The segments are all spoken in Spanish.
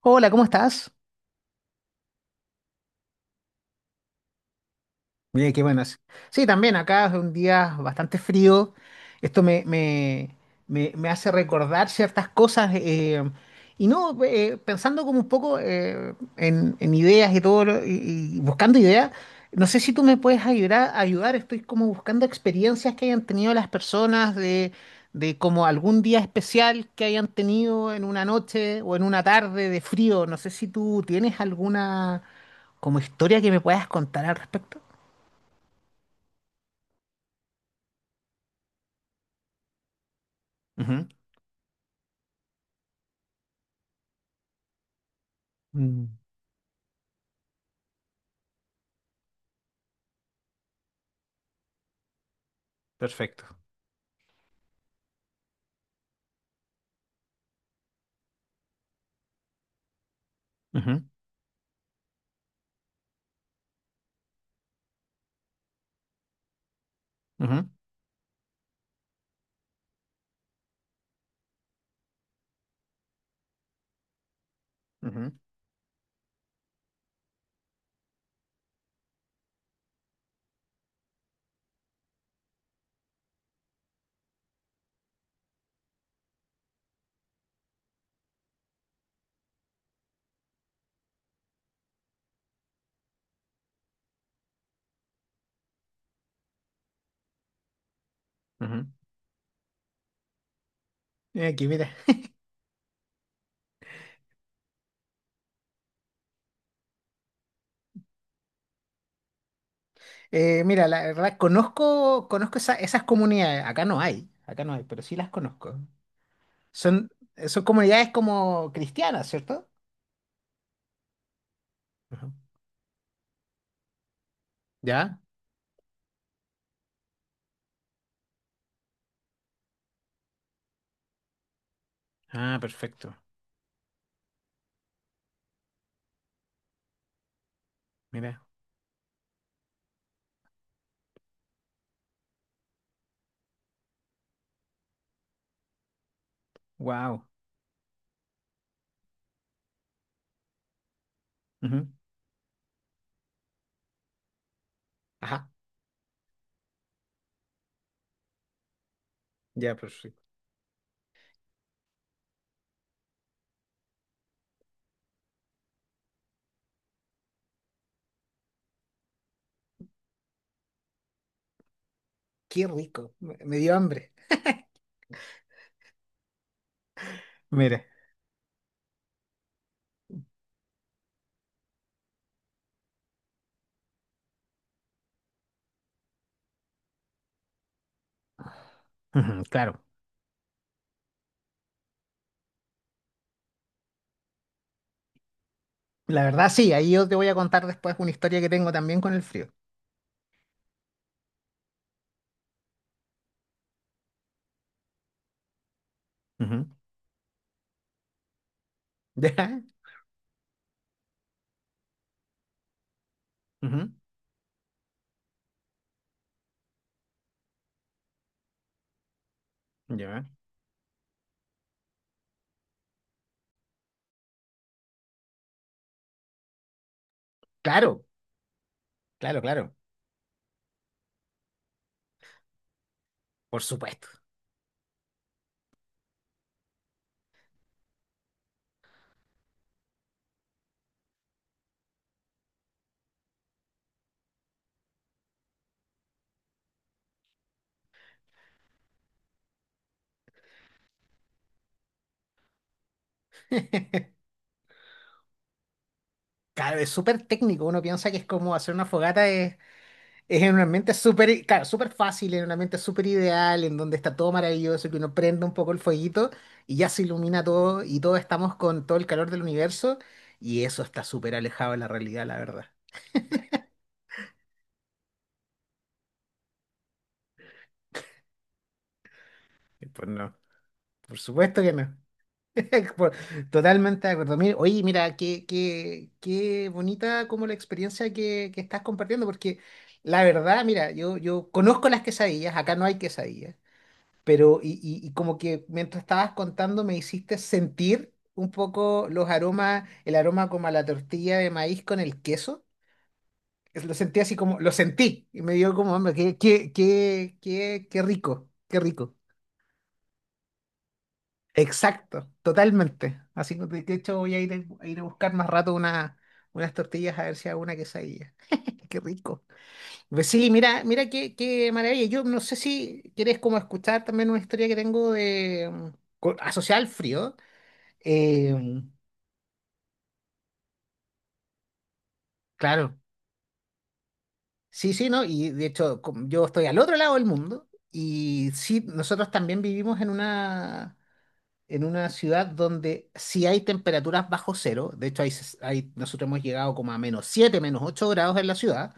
Hola, ¿cómo estás? Mira qué buenas. Sí, también acá es un día bastante frío. Esto me hace recordar ciertas cosas. Y no, pensando como un poco en ideas y todo, y buscando ideas, no sé si tú me puedes ayudar, ayudar. Estoy como buscando experiencias que hayan tenido las personas de como algún día especial que hayan tenido en una noche o en una tarde de frío. No sé si tú tienes alguna como historia que me puedas contar al respecto. Ujú. Mm. Perfecto. Ujú, ujú, ujú. Mira, aquí, mira. Mira, la verdad, conozco, conozco esas comunidades. Acá no hay, pero sí las conozco. Son, son comunidades como cristianas, ¿cierto? Ujú. ¿Ya? Ah, perfecto. Mira. Wow. Ajá. Ya, perfecto. Qué rico. Me dio hambre. Mira. Ujú, claro. La verdad, sí, ahí yo te voy a contar después una historia que tengo también con el frío. Ujú. ¿Ya? Ujú. Ya. Claro. Claro, claro, por supuesto. Claro, es súper técnico. Uno piensa que es como hacer una fogata es en un ambiente súper, claro, súper fácil, en un ambiente súper ideal, en donde está todo maravilloso, que uno prende un poco el fueguito y ya se ilumina todo y todos estamos con todo el calor del universo, y eso está súper alejado de la realidad, la verdad. Y pues no, por supuesto que no. Por- Totalmente de acuerdo. Mire. Oye, mira, qué, qué, qué bonita como la experiencia que estás compartiendo, porque la verdad, mira, yo conozco las quesadillas, acá no hay quesadillas, pero y, y como que mientras estabas contando me hiciste sentir un poco los aromas, el aroma como a la tortilla de maíz con el queso. Lo sentí así como, lo sentí, y me dio como, hombre, qué, qué, qué, qué, qué rico, qué rico. Exacto, totalmente. Así que de hecho voy a ir a buscar más rato una, unas tortillas a ver si hago una quesadilla. Qué rico. Pues sí, mira, mira qué, qué maravilla. Yo no sé si quieres como escuchar también una historia que tengo de asociada al frío. Eh, claro, sí, sí, ¿no? Y de hecho, yo estoy al otro lado del mundo y sí, nosotros también vivimos en una ciudad donde sí hay temperaturas bajo cero, de hecho hay, nosotros hemos llegado como a -7, -8 grados en la ciudad,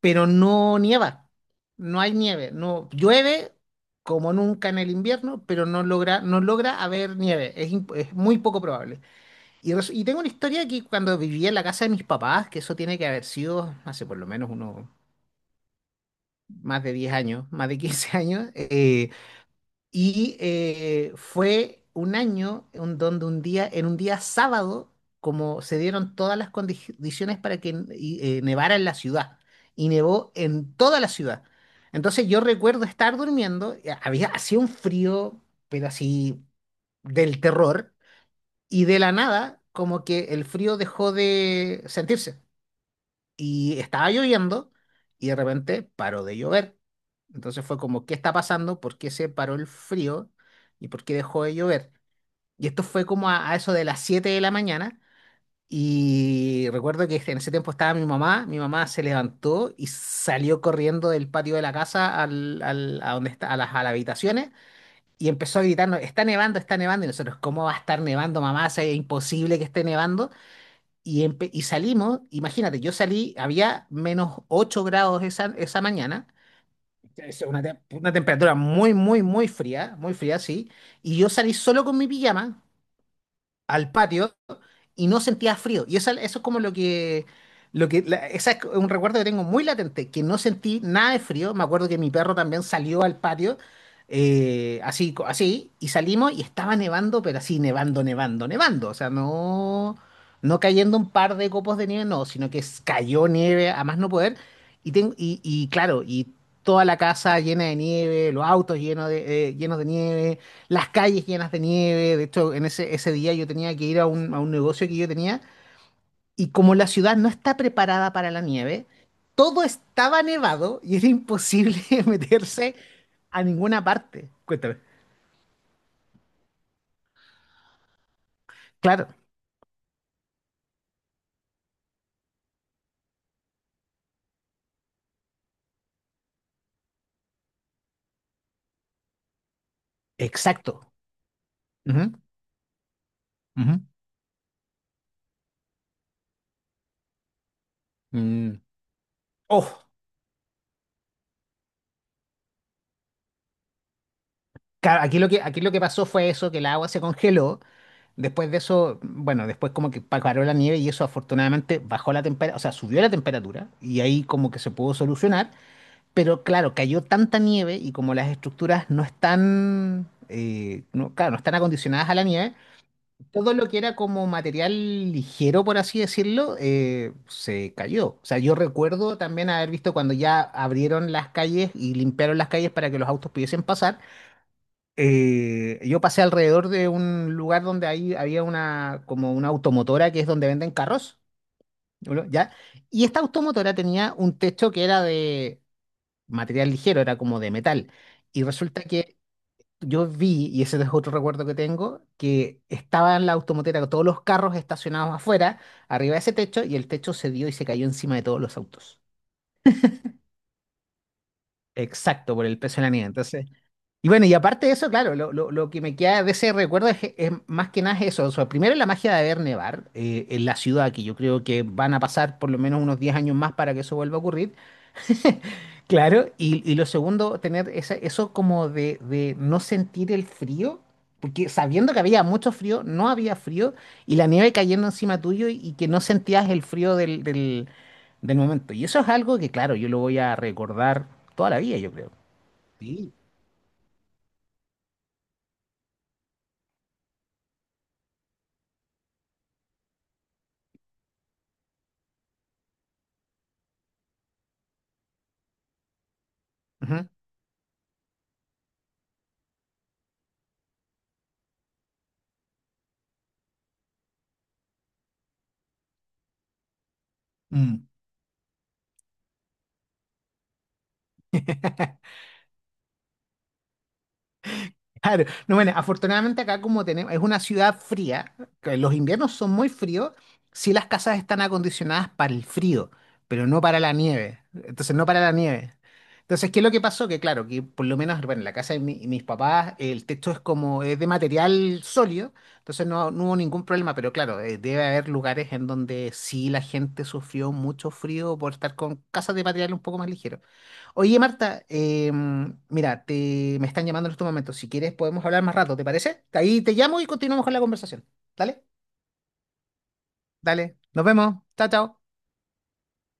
pero no nieva, no hay nieve, no llueve como nunca en el invierno, pero no logra, no logra haber nieve, es, es muy poco probable. Y, y tengo una historia que cuando vivía en la casa de mis papás, que eso tiene que haber sido hace por lo menos unos más de 10 años, más de 15 años. Y fue un año en donde un día, en un día sábado, como se dieron todas las condiciones para que y, nevara en la ciudad, y nevó en toda la ciudad. Entonces yo recuerdo estar durmiendo, y había hacía un frío, pero así del terror, y de la nada, como que el frío dejó de sentirse y estaba lloviendo y de repente paró de llover. Entonces fue como, ¿qué está pasando? ¿Por qué se paró el frío? ¿Y por qué dejó de llover? Y esto fue como a eso de las 7 de la mañana. Y recuerdo que en ese tiempo estaba mi mamá. Mi mamá se levantó y salió corriendo del patio de la casa al, a, donde está, a las habitaciones, y empezó a gritarnos, está nevando, está nevando. Y nosotros, ¿cómo va a estar nevando, mamá? O sea, es imposible que esté nevando. Y, y salimos, imagínate, yo salí, había -8 grados esa, esa mañana, es una, una temperatura muy, muy, muy fría, sí, y yo salí solo con mi pijama al patio y no sentía frío. Y eso es como lo que, esa es un recuerdo que tengo muy latente, que no sentí nada de frío. Me acuerdo que mi perro también salió al patio, así, así, y salimos y estaba nevando, pero así, nevando, nevando, nevando. O sea, no, no cayendo un par de copos de nieve, no, sino que cayó nieve a más no poder. Y, tengo, y claro, y toda la casa llena de nieve, los autos llenos de nieve, las calles llenas de nieve. De hecho, en ese, ese día yo tenía que ir a un negocio que yo tenía y como la ciudad no está preparada para la nieve, todo estaba nevado y era imposible meterse a ninguna parte. Cuéntame. Claro, exacto. Ujú, ujú. Mm. Oh, claro, aquí lo que pasó fue eso, que el agua se congeló. Después de eso, bueno, después como que paró la nieve y eso afortunadamente bajó la temperatura, o sea, subió la temperatura y ahí como que se pudo solucionar. Pero claro, cayó tanta nieve y como las estructuras no están, no, claro, no están acondicionadas a la nieve, todo lo que era como material ligero, por así decirlo, se cayó. O sea, yo recuerdo también haber visto cuando ya abrieron las calles y limpiaron las calles para que los autos pudiesen pasar. Yo pasé alrededor de un lugar donde ahí había una, como una automotora que es donde venden carros, ¿no? ¿Ya? Y esta automotora tenía un techo que era de material ligero, era como de metal. Y resulta que yo vi, y ese es otro recuerdo que tengo, que estaban la automotera, todos los carros estacionados afuera, arriba de ese techo, y el techo se dio y se cayó encima de todos los autos. Exacto, por el peso de la nieve. Entonces, y bueno, y aparte de eso, claro, lo, lo que me queda de ese recuerdo es más que nada eso. O sea, primero la magia de ver nevar en la ciudad, que yo creo que van a pasar por lo menos unos 10 años más para que eso vuelva a ocurrir. Claro, y lo segundo, tener eso como de no sentir el frío, porque sabiendo que había mucho frío, no había frío, y la nieve cayendo encima tuyo y que no sentías el frío del, del, del momento. Y eso es algo que, claro, yo lo voy a recordar toda la vida, yo creo. Sí. Ujú. Mm. Claro, no, bueno, afortunadamente acá como tenemos, es una ciudad fría, que los inviernos son muy fríos, sí las casas están acondicionadas para el frío, pero no para la nieve, entonces no para la nieve. Entonces, ¿qué es lo que pasó? Que claro, que por lo menos, bueno, en la casa de mis papás, el techo es como, es de material sólido, entonces no, no hubo ningún problema, pero claro, debe haber lugares en donde sí la gente sufrió mucho frío por estar con casas de material un poco más ligero. Oye, Marta, mira, te, me están llamando en estos momentos. Si quieres, podemos hablar más rato, ¿te parece? Ahí te llamo y continuamos con la conversación. Dale, dale. Nos vemos. Chao, chao.